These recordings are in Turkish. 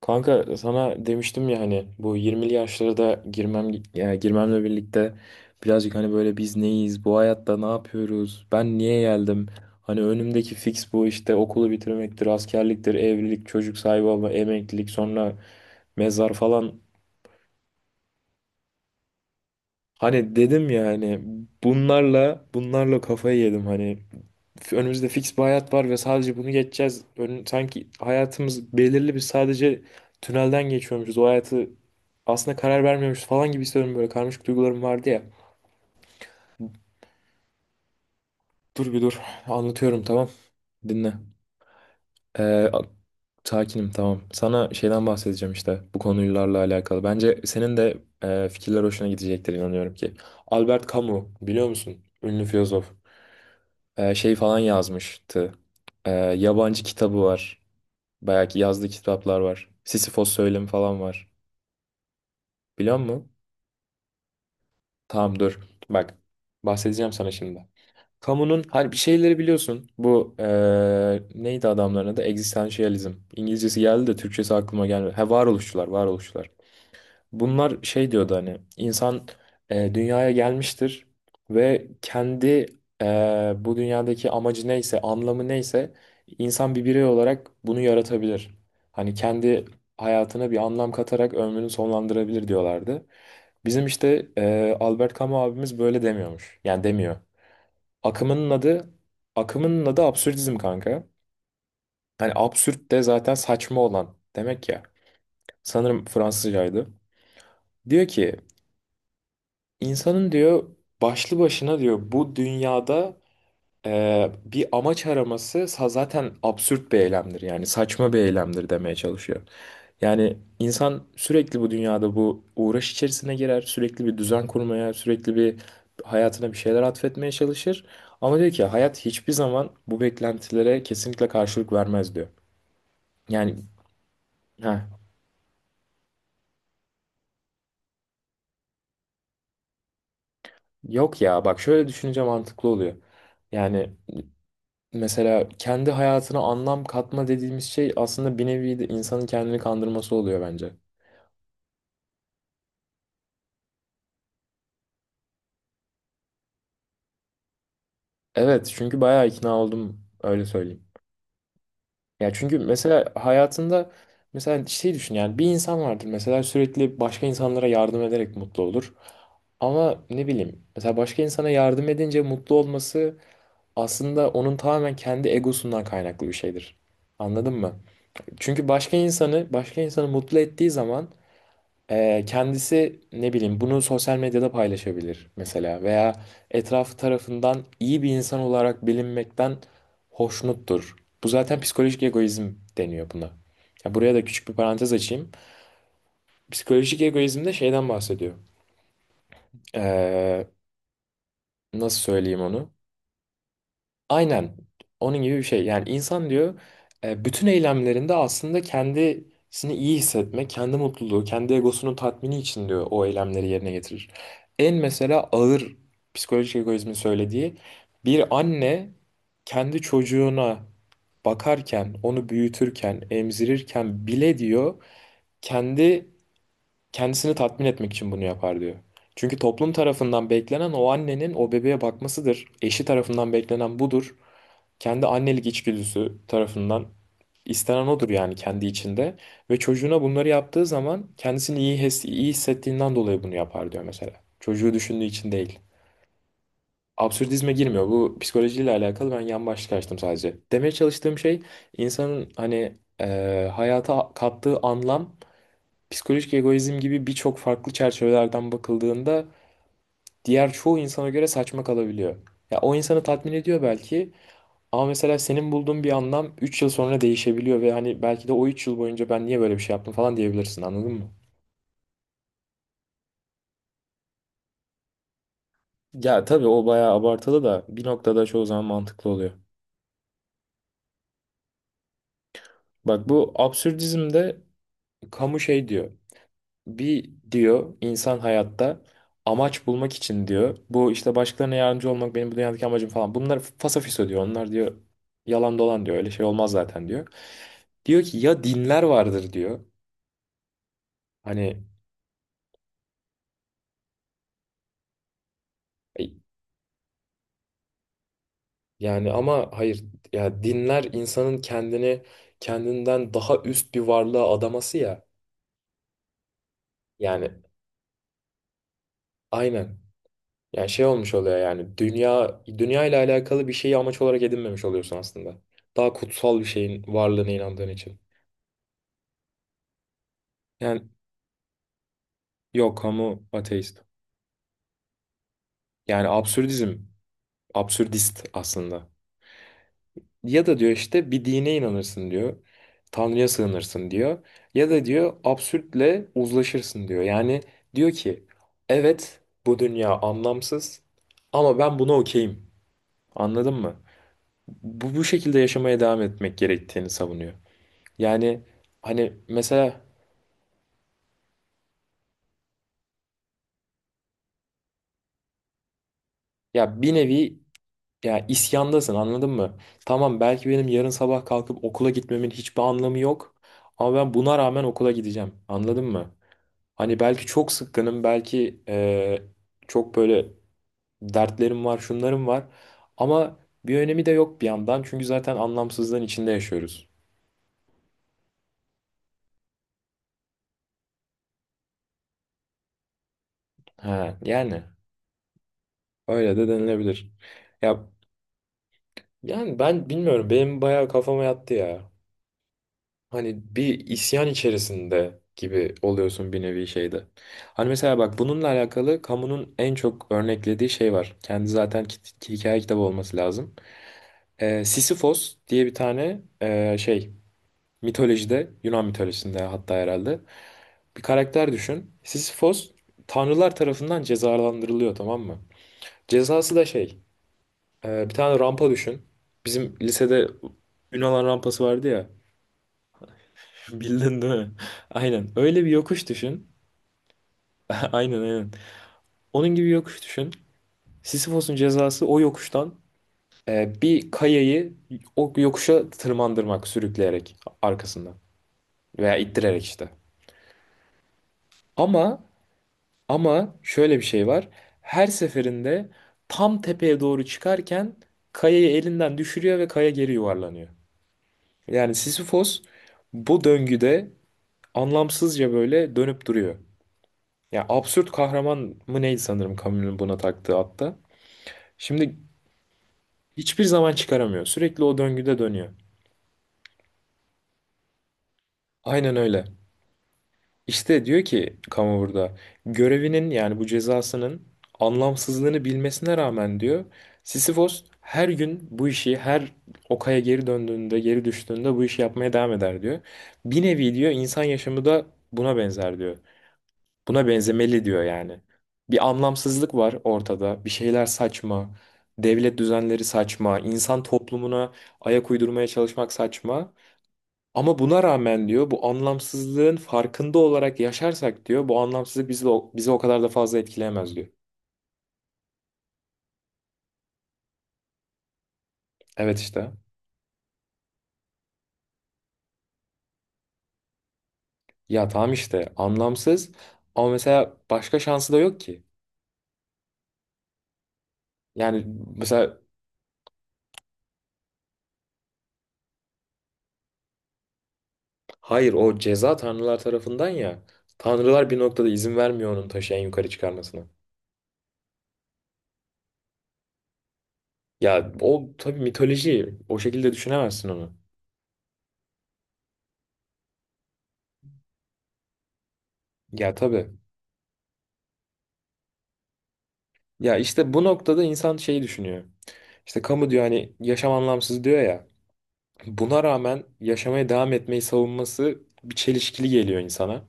Kanka sana demiştim ya, hani bu 20'li yaşlara da girmem, ya girmemle birlikte birazcık hani böyle biz neyiz, bu hayatta ne yapıyoruz, ben niye geldim? Hani önümdeki fix bu işte: okulu bitirmektir, askerliktir, evlilik, çocuk sahibi olma, emeklilik, sonra mezar falan. Hani dedim ya hani bunlarla kafayı yedim hani. Önümüzde fix bir hayat var ve sadece bunu geçeceğiz. Ön, sanki hayatımız belirli bir sadece tünelden geçiyormuşuz. O hayatı aslında karar vermiyormuşuz falan gibi hissediyorum, böyle karmaşık duygularım vardı ya. Dur bir dur, anlatıyorum, tamam, dinle. Ee, a- Sakinim, tamam. Sana şeyden bahsedeceğim, işte bu konularla alakalı. Bence senin de fikirler hoşuna gidecektir, inanıyorum ki. Albert Camus biliyor musun? Ünlü filozof. Şey falan yazmıştı. Yabancı kitabı var. Bayağı ki yazdığı kitaplar var. Sisyphos söylemi falan var. Biliyor musun? Tamam dur. Bak, bahsedeceğim sana şimdi. Kamunun hani bir şeyleri biliyorsun. Bu neydi adamların adı? Existentialism. İngilizcesi geldi de Türkçesi aklıma gelmedi. Ha, varoluşçular, varoluşçular. Bunlar şey diyordu, hani insan dünyaya gelmiştir ve kendi bu dünyadaki amacı neyse, anlamı neyse, insan bir birey olarak bunu yaratabilir. Hani kendi hayatına bir anlam katarak ömrünü sonlandırabilir diyorlardı. Bizim işte Albert Camus abimiz böyle demiyormuş. Yani demiyor. Akımının adı akımının adı absürdizm kanka. Hani absürt de zaten saçma olan demek ya. Sanırım Fransızcaydı. Diyor ki, insanın diyor, başlı başına diyor, bu dünyada bir amaç araması zaten absürt bir eylemdir, yani saçma bir eylemdir demeye çalışıyor. Yani insan sürekli bu dünyada bu uğraş içerisine girer, sürekli bir düzen kurmaya, sürekli bir hayatına bir şeyler atfetmeye çalışır. Ama diyor ki, hayat hiçbir zaman bu beklentilere kesinlikle karşılık vermez diyor. Yani ha, yok ya, bak şöyle düşününce mantıklı oluyor. Yani mesela kendi hayatına anlam katma dediğimiz şey aslında bir nevi de insanın kendini kandırması oluyor bence. Evet, çünkü bayağı ikna oldum, öyle söyleyeyim. Ya çünkü mesela hayatında, mesela şey düşün, yani bir insan vardır mesela, sürekli başka insanlara yardım ederek mutlu olur. Ama ne bileyim, mesela başka insana yardım edince mutlu olması aslında onun tamamen kendi egosundan kaynaklı bir şeydir. Anladın mı? Çünkü başka insanı mutlu ettiği zaman kendisi ne bileyim bunu sosyal medyada paylaşabilir mesela, veya etrafı tarafından iyi bir insan olarak bilinmekten hoşnuttur. Bu zaten psikolojik egoizm deniyor buna. Ya buraya da küçük bir parantez açayım. Psikolojik egoizm de şeyden bahsediyor. Ee, Nasıl söyleyeyim onu? Aynen onun gibi bir şey. Yani insan diyor, bütün eylemlerinde aslında kendisini iyi hissetmek, kendi mutluluğu, kendi egosunun tatmini için diyor o eylemleri yerine getirir. En mesela ağır psikolojik egoizmin söylediği, bir anne kendi çocuğuna bakarken, onu büyütürken, emzirirken bile diyor kendi kendisini tatmin etmek için bunu yapar diyor. Çünkü toplum tarafından beklenen o annenin o bebeğe bakmasıdır. Eşi tarafından beklenen budur, kendi annelik içgüdüsü tarafından istenen odur, yani kendi içinde. Ve çocuğuna bunları yaptığı zaman kendisini iyi, his, iyi hissettiğinden dolayı bunu yapar diyor mesela. Çocuğu düşündüğü için değil. Absürdizme girmiyor. Bu psikolojiyle alakalı, ben yan başlık açtım sadece. Demeye çalıştığım şey, insanın hani hayata kattığı anlam, psikolojik egoizm gibi birçok farklı çerçevelerden bakıldığında diğer çoğu insana göre saçma kalabiliyor. Ya o insanı tatmin ediyor belki, ama mesela senin bulduğun bir anlam 3 yıl sonra değişebiliyor ve hani belki de o 3 yıl boyunca ben niye böyle bir şey yaptım falan diyebilirsin, anladın mı? Ya tabii o bayağı abartılı da, bir noktada çoğu zaman mantıklı oluyor. Bak, bu absürdizmde Camus şey diyor. Bir diyor, insan hayatta amaç bulmak için diyor. Bu işte başkalarına yardımcı olmak benim bu dünyadaki amacım falan. Bunlar fasafiso diyor. Onlar diyor yalan dolan diyor. Öyle şey olmaz zaten diyor. Diyor ki, ya dinler vardır diyor. Hani e, yani ama hayır, ya dinler insanın kendini kendinden daha üst bir varlığa adaması ya. Yani aynen. Yani şey olmuş oluyor, yani dünya, dünya ile alakalı bir şeyi amaç olarak edinmemiş oluyorsun aslında. Daha kutsal bir şeyin varlığına inandığın için. Yani yok, kamu ateist. Yani absürdizm, absürdist aslında. Ya da diyor işte, bir dine inanırsın diyor. Tanrı'ya sığınırsın diyor. Ya da diyor absürtle uzlaşırsın diyor. Yani diyor ki, evet bu dünya anlamsız ama ben buna okeyim. Anladın mı? Bu, bu şekilde yaşamaya devam etmek gerektiğini savunuyor. Yani hani mesela, ya bir nevi ya isyandasın, anladın mı? Tamam, belki benim yarın sabah kalkıp okula gitmemin hiçbir anlamı yok. Ama ben buna rağmen okula gideceğim. Anladın mı? Hani belki çok sıkkınım, belki çok böyle dertlerim var, şunlarım var. Ama bir önemi de yok bir yandan. Çünkü zaten anlamsızlığın içinde yaşıyoruz. Ha, yani öyle de denilebilir. Ya yani ben bilmiyorum. Benim bayağı kafama yattı ya. Hani bir isyan içerisinde gibi oluyorsun bir nevi şeyde. Hani mesela bak, bununla alakalı kamunun en çok örneklediği şey var. Kendi zaten hikaye kitabı olması lazım. E, Sisyphos diye bir tane e, şey. Mitolojide, Yunan mitolojisinde hatta herhalde, bir karakter düşün. Sisyphos tanrılar tarafından cezalandırılıyor, tamam mı? Cezası da şey, e, bir tane rampa düşün. Bizim lisede Yunan rampası vardı ya. Bildin değil mi? Aynen. Öyle bir yokuş düşün. Aynen aynen. Onun gibi yokuş düşün. Sisyphos'un cezası o yokuştan e, bir kayayı o yokuşa tırmandırmak, sürükleyerek arkasından veya ittirerek işte. Ama Ama şöyle bir şey var. Her seferinde tam tepeye doğru çıkarken kayayı elinden düşürüyor ve kaya geri yuvarlanıyor. Yani Sisyphos bu döngüde anlamsızca böyle dönüp duruyor. Ya absürt kahraman mı neydi, sanırım Camus'un buna taktığı hatta. Şimdi hiçbir zaman çıkaramıyor. Sürekli o döngüde dönüyor. Aynen öyle. İşte diyor ki kamu burada, görevinin yani bu cezasının anlamsızlığını bilmesine rağmen diyor, Sisyphos her gün bu işi, her o kaya geri döndüğünde, geri düştüğünde bu işi yapmaya devam eder diyor. Bir nevi diyor insan yaşamı da buna benzer diyor. Buna benzemeli diyor yani. Bir anlamsızlık var ortada. Bir şeyler saçma. Devlet düzenleri saçma. İnsan toplumuna ayak uydurmaya çalışmak saçma. Ama buna rağmen diyor, bu anlamsızlığın farkında olarak yaşarsak diyor, bu anlamsızlık bizi, bizi o kadar da fazla etkileyemez diyor. Evet, işte. Ya tamam işte anlamsız, ama mesela başka şansı da yok ki. Yani mesela, hayır o ceza tanrılar tarafından ya. Tanrılar bir noktada izin vermiyor onun taşı en yukarı çıkarmasına. Ya o tabii mitoloji, o şekilde düşünemezsin onu. Ya tabii. Ya işte bu noktada insan şeyi düşünüyor. İşte kamu diyor hani yaşam anlamsız diyor ya. Buna rağmen yaşamaya devam etmeyi savunması bir çelişkili geliyor insana.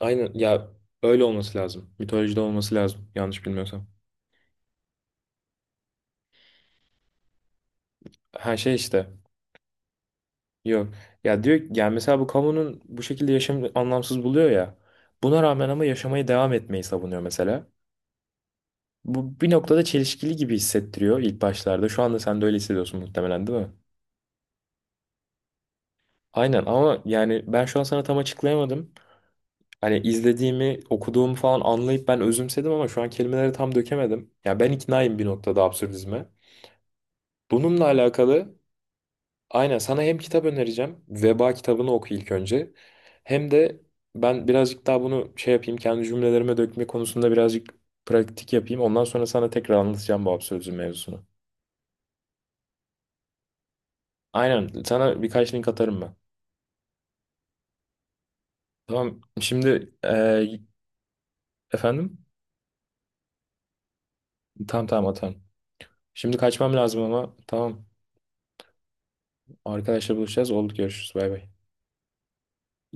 Aynen ya, öyle olması lazım. Mitolojide olması lazım yanlış bilmiyorsam. Her şey işte. Yok. Ya diyor yani, mesela bu kamunun bu şekilde yaşam anlamsız buluyor ya. Buna rağmen ama yaşamaya devam etmeyi savunuyor mesela. Bu bir noktada çelişkili gibi hissettiriyor ilk başlarda. Şu anda sen de öyle hissediyorsun muhtemelen, değil mi? Aynen, ama yani ben şu an sana tam açıklayamadım. Hani izlediğimi, okuduğumu falan anlayıp ben özümsedim ama şu an kelimeleri tam dökemedim. Ya ben iknaayım bir noktada absürdizme. Bununla alakalı aynen, sana hem kitap önereceğim. Veba kitabını oku ilk önce. Hem de ben birazcık daha bunu şey yapayım. Kendi cümlelerime dökme konusunda birazcık pratik yapayım. Ondan sonra sana tekrar anlatacağım bu absürdizm mevzusunu. Aynen sana birkaç link atarım ben. Tamam, şimdi efendim? Tamam tamam, atarım. Şimdi kaçmam lazım, ama tamam. Arkadaşlar buluşacağız. Oldu, görüşürüz. Bay bay.